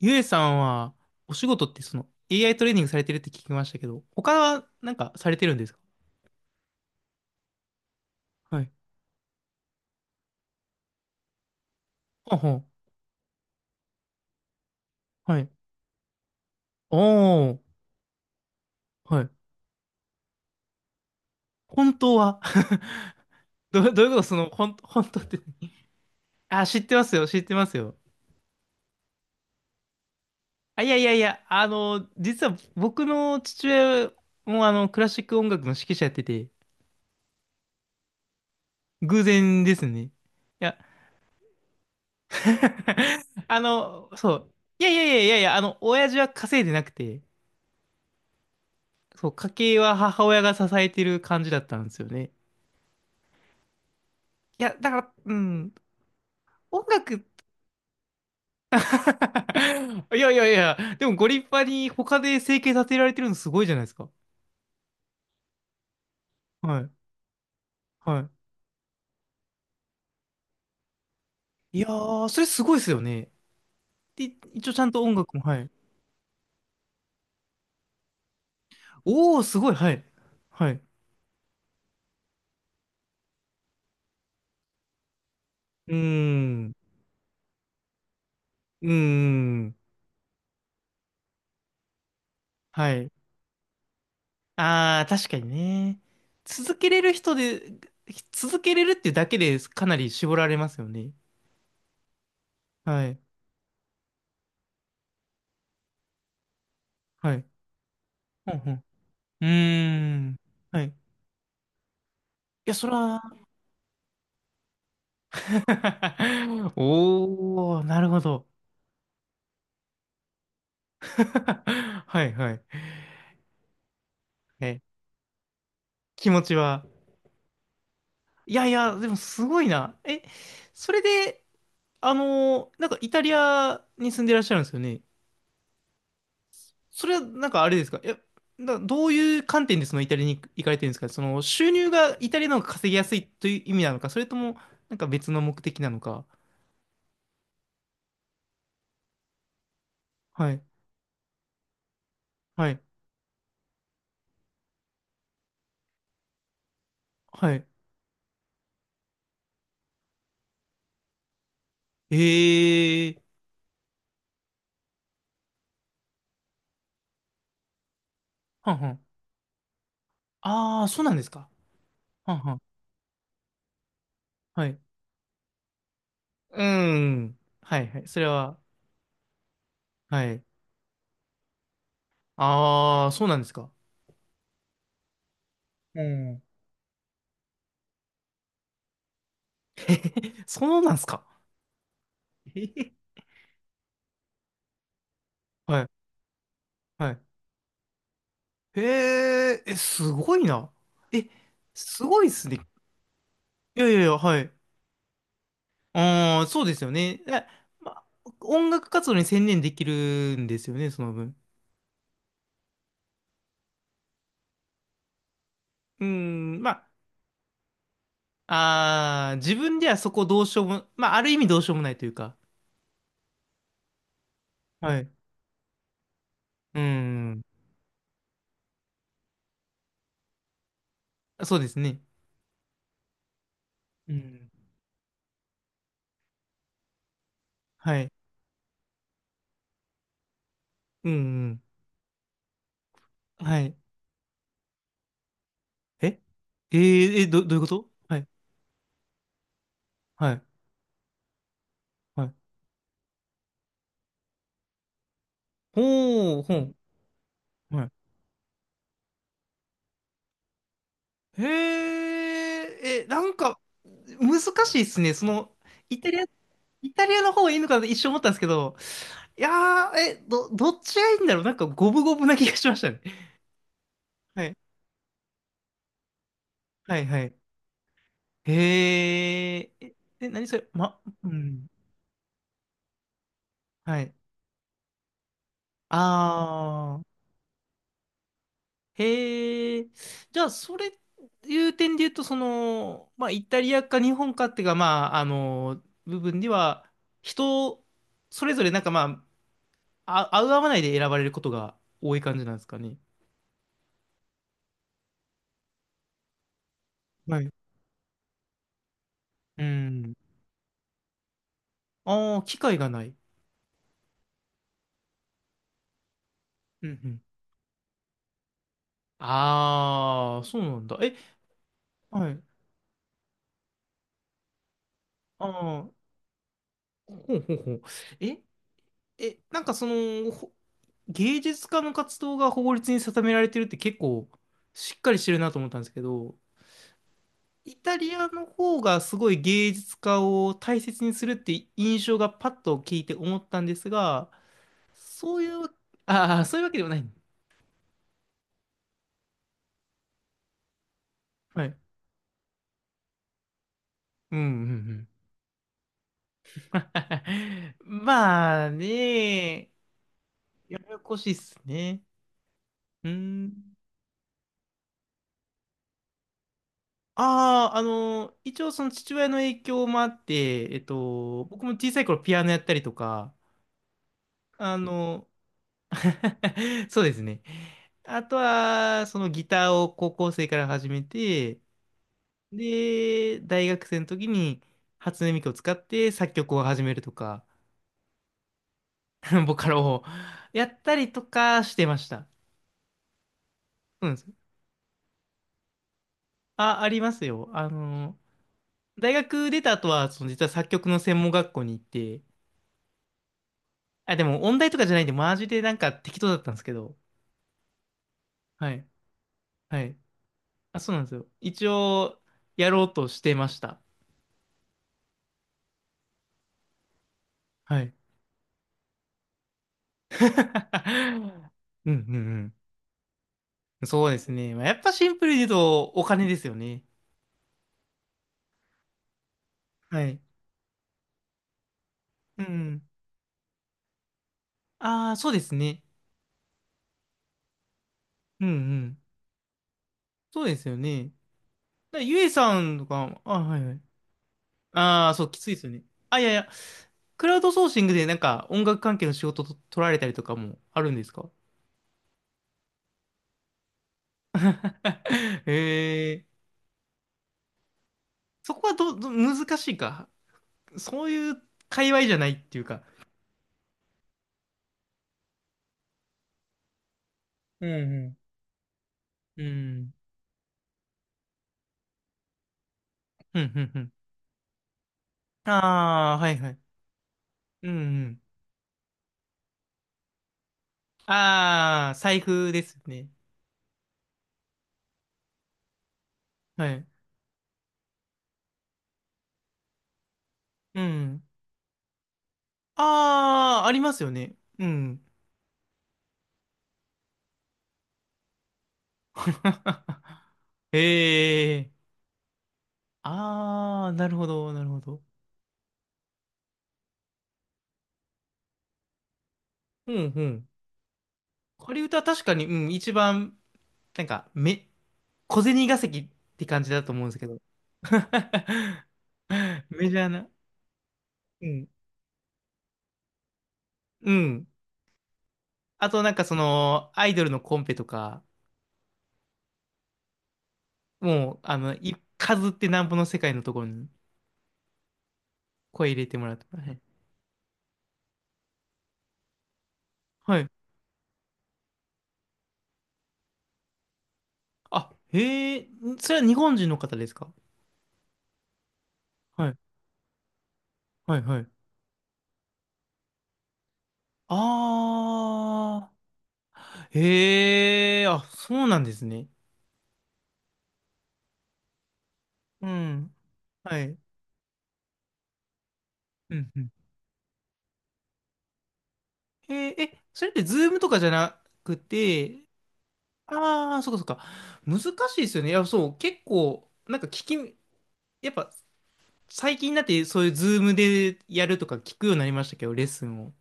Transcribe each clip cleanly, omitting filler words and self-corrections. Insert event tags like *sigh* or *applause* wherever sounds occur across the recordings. ゆえさんは、お仕事ってその AI トレーニングされてるって聞きましたけど、他はなんかされてるんですか？はい。ほうほう。はい。おー。はい。本当は？ *laughs* どういうことその、本当って？あ、知ってますよ、知ってますよ。あ、いやいやいや、実は僕の父親もクラシック音楽の指揮者やってて、偶然ですね。いや、*laughs* あの、そう。いやいやいやいやいや、親父は稼いでなくて、そう、家計は母親が支えてる感じだったんですよね。いや、だから、うん、音楽。 *laughs* いやいやいや、でもご立派に他で生計立てられてるのすごいじゃないですか。はい、はい。いやー、それすごいですよね。で、一応ちゃんと音楽も、はい。おー、すごい、はい。はい。うーん、うーん、はい。あー、確かにね。続けれる人で、続けれるっていうだけでかなり絞られますよね。はい、はい。うんうん、うーん。はい。いや、そら、*laughs* おー、なるほど。*laughs* はいはい。え、気持ちは。いやいや、でもすごいな。え、それで、なんかイタリアに住んでらっしゃるんですよね。それはなんかあれですか？どういう観点でそのイタリアに行かれてるんですか？その収入がイタリアの方が稼ぎやすいという意味なのか、それともなんか別の目的なのか。はい。はい。はい。えー。はんはん、ああ、そうなんですか。はんはん。はい。うーん。はいはい。それは、はい。ああ、そうなんですか。うん。*laughs* そうなんですか。えへ、はい。はい。へえ、え、すごいな。え、すごいっすね。いやいやいや、はい。ああ、そうですよね。え、ま、音楽活動に専念できるんですよね、その分。うーん、まあ、自分ではそこどうしようも、まあ、ある意味どうしようもないというか。はい。うーん、そうですね。うん、はい。うんうん。はい。ええー、え、どういうこと、はい。はい。はい。ほう、ほう。はい。へえ、え、なんか、難しいっすね。その、イタリア、イタリアの方がいいのかなって一瞬思ったんですけど、いやー、え、どっちがいいんだろう、なんか、五分五分な気がしましたね。はい。はい、はい。へえ、え何それ、ま、うん。はい。あー。へえ。じゃあ、それ、いう点で言うと、その、まあ、イタリアか日本かっていうか、まあ、あの、部分では、人、それぞれ、なんかまあ、あ、合う合わないで選ばれることが多い感じなんですかね。はい。うん。ああ、機会がない。うんうん。ああ、そうなんだ。え、はい。ああ、ほうほうほう。え、え、なんかその、芸術家の活動が法律に定められてるって結構、しっかりしてるなと思ったんですけど、イタリアの方がすごい芸術家を大切にするって印象がパッと聞いて思ったんですが、そういう、*laughs* ああ、そういうわけではない。はい。うんうんうん。*laughs* まあね、ややこしいっすね。うん。ああ、一応その父親の影響もあって、僕も小さい頃ピアノやったりとか、あの、*laughs* そうですね。あとは、そのギターを高校生から始めて、で、大学生の時に初音ミクを使って作曲を始めるとか、*laughs* ボカロをやったりとかしてました。そうなんです。あ、ありますよ。あの、大学出た後は、その実は作曲の専門学校に行って、あ、でも音大とかじゃないんで、マジでなんか適当だったんですけど、はい。はい。あ、そうなんですよ。一応、やろうとしてました。はい。*laughs* うんうんうん。そうですね。まあやっぱシンプルに言うと、お金ですよね。はい。うん。ああ、そうですね。うんうん。そうですよね。だからゆえさんとか、あ、はいはい。ああ、そう、きついですよね。あ、いやいや、クラウドソーシングでなんか音楽関係の仕事と取られたりとかもあるんですか？ *laughs* へえ。そこは難しいか。そういう界隈じゃないっていうか。うんうん。うん。うんうんうん。ああ、はいはい。うんうん。ああ、財布ですね。はい。うん。ああ、ありますよね。うん。*laughs* へえ。あー、なるほど、なるほど。うん、うん。仮歌は確かに、うん、一番、なんか、小銭稼ぎって感じだと思うんですけど。*laughs* メジャーな。うん。うん。あと、なんかその、アイドルのコンペとか、もう、数ってなんぼの世界のところに声入れてもらって。はい。はい、あ、へえ、それは日本人の方ですか？はい、はい、はい。ああ、へえ、あ、そうなんですね。うん。はい。うんうん。え、それってズームとかじゃなくて、ああ、そっかそっか。難しいですよね。いや、そう、結構、なんか聞き、やっぱ、最近になってそういうズームでやるとか聞くようになりましたけど、レッスンを。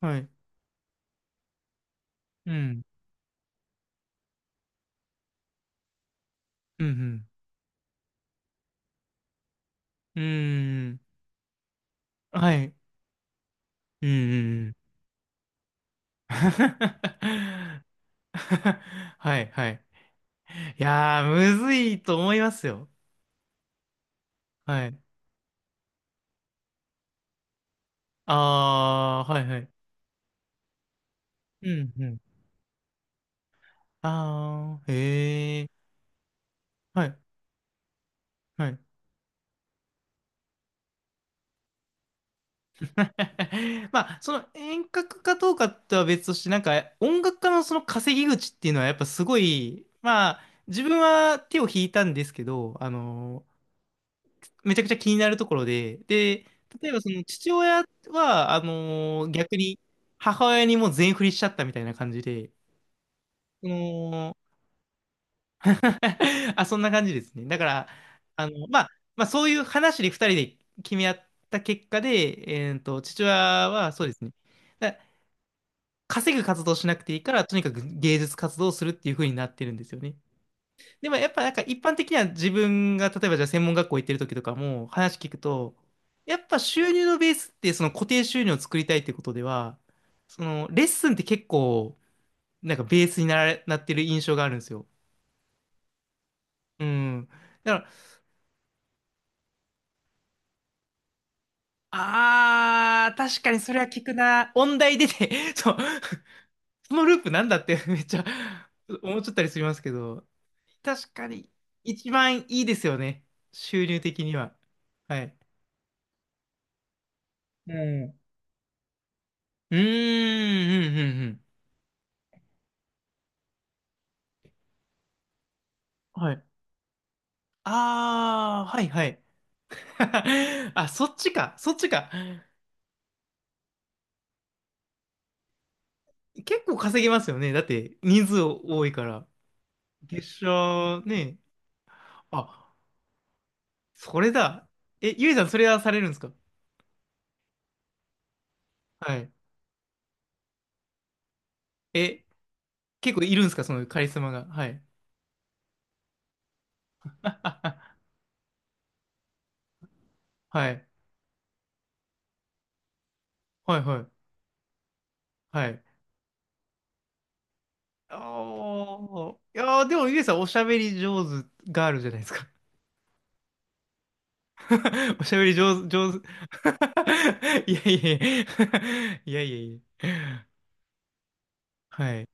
はい。うん。うんうん、うーん。はい。うんうんうん。*laughs* はい、はい。いやー、むずいと思いますよ。はい。ああ、はい、はい。うん。うん、ああ、へえ、はい、はい。*laughs* まあ、その遠隔かどうかとは別として、なんか音楽家のその稼ぎ口っていうのはやっぱすごい、まあ、自分は手を引いたんですけど、あの、めちゃくちゃ気になるところで、で、例えばその父親は、あの、逆に母親にもう全振りしちゃったみたいな感じで、その、 *laughs* あ、そんな感じですね。だから、あの、まあ、まあ、そういう話で二人で決め合った結果で、父親はそうですね。だ稼ぐ活動しなくていいから、とにかく芸術活動をするっていう風になってるんですよね。でもやっぱなんか一般的には自分が、例えばじゃあ専門学校行ってる時とかも話聞くと、やっぱ収入のベースってその固定収入を作りたいってことでは、そのレッスンって結構なんかベースになってる印象があるんですよ。うん。だから、確かにそれは聞くな。音大出て、*laughs* そう、そのループなんだって *laughs* めっちゃ思っちゃったりしますけど、確かに一番いいですよね。収入的には。はい。うん。うーん、うん、うん、うん。はい。あー、はい、はい。*laughs* あ、そっちか、そっちか。結構稼げますよね。だって、人数多いから。月謝ね。あ、それだ。え、ゆいさん、それはされるんですか？はい。え、結構いるんですか、そのカリスマが。はい。*laughs* はい。はい、はい、はい。おー。いやー、でも、ゆえさん、おしゃべり上手ガールじゃないですか。*laughs* おしゃべり上手、上手。*laughs* いやいやいや。*laughs* いやいやいや。はい。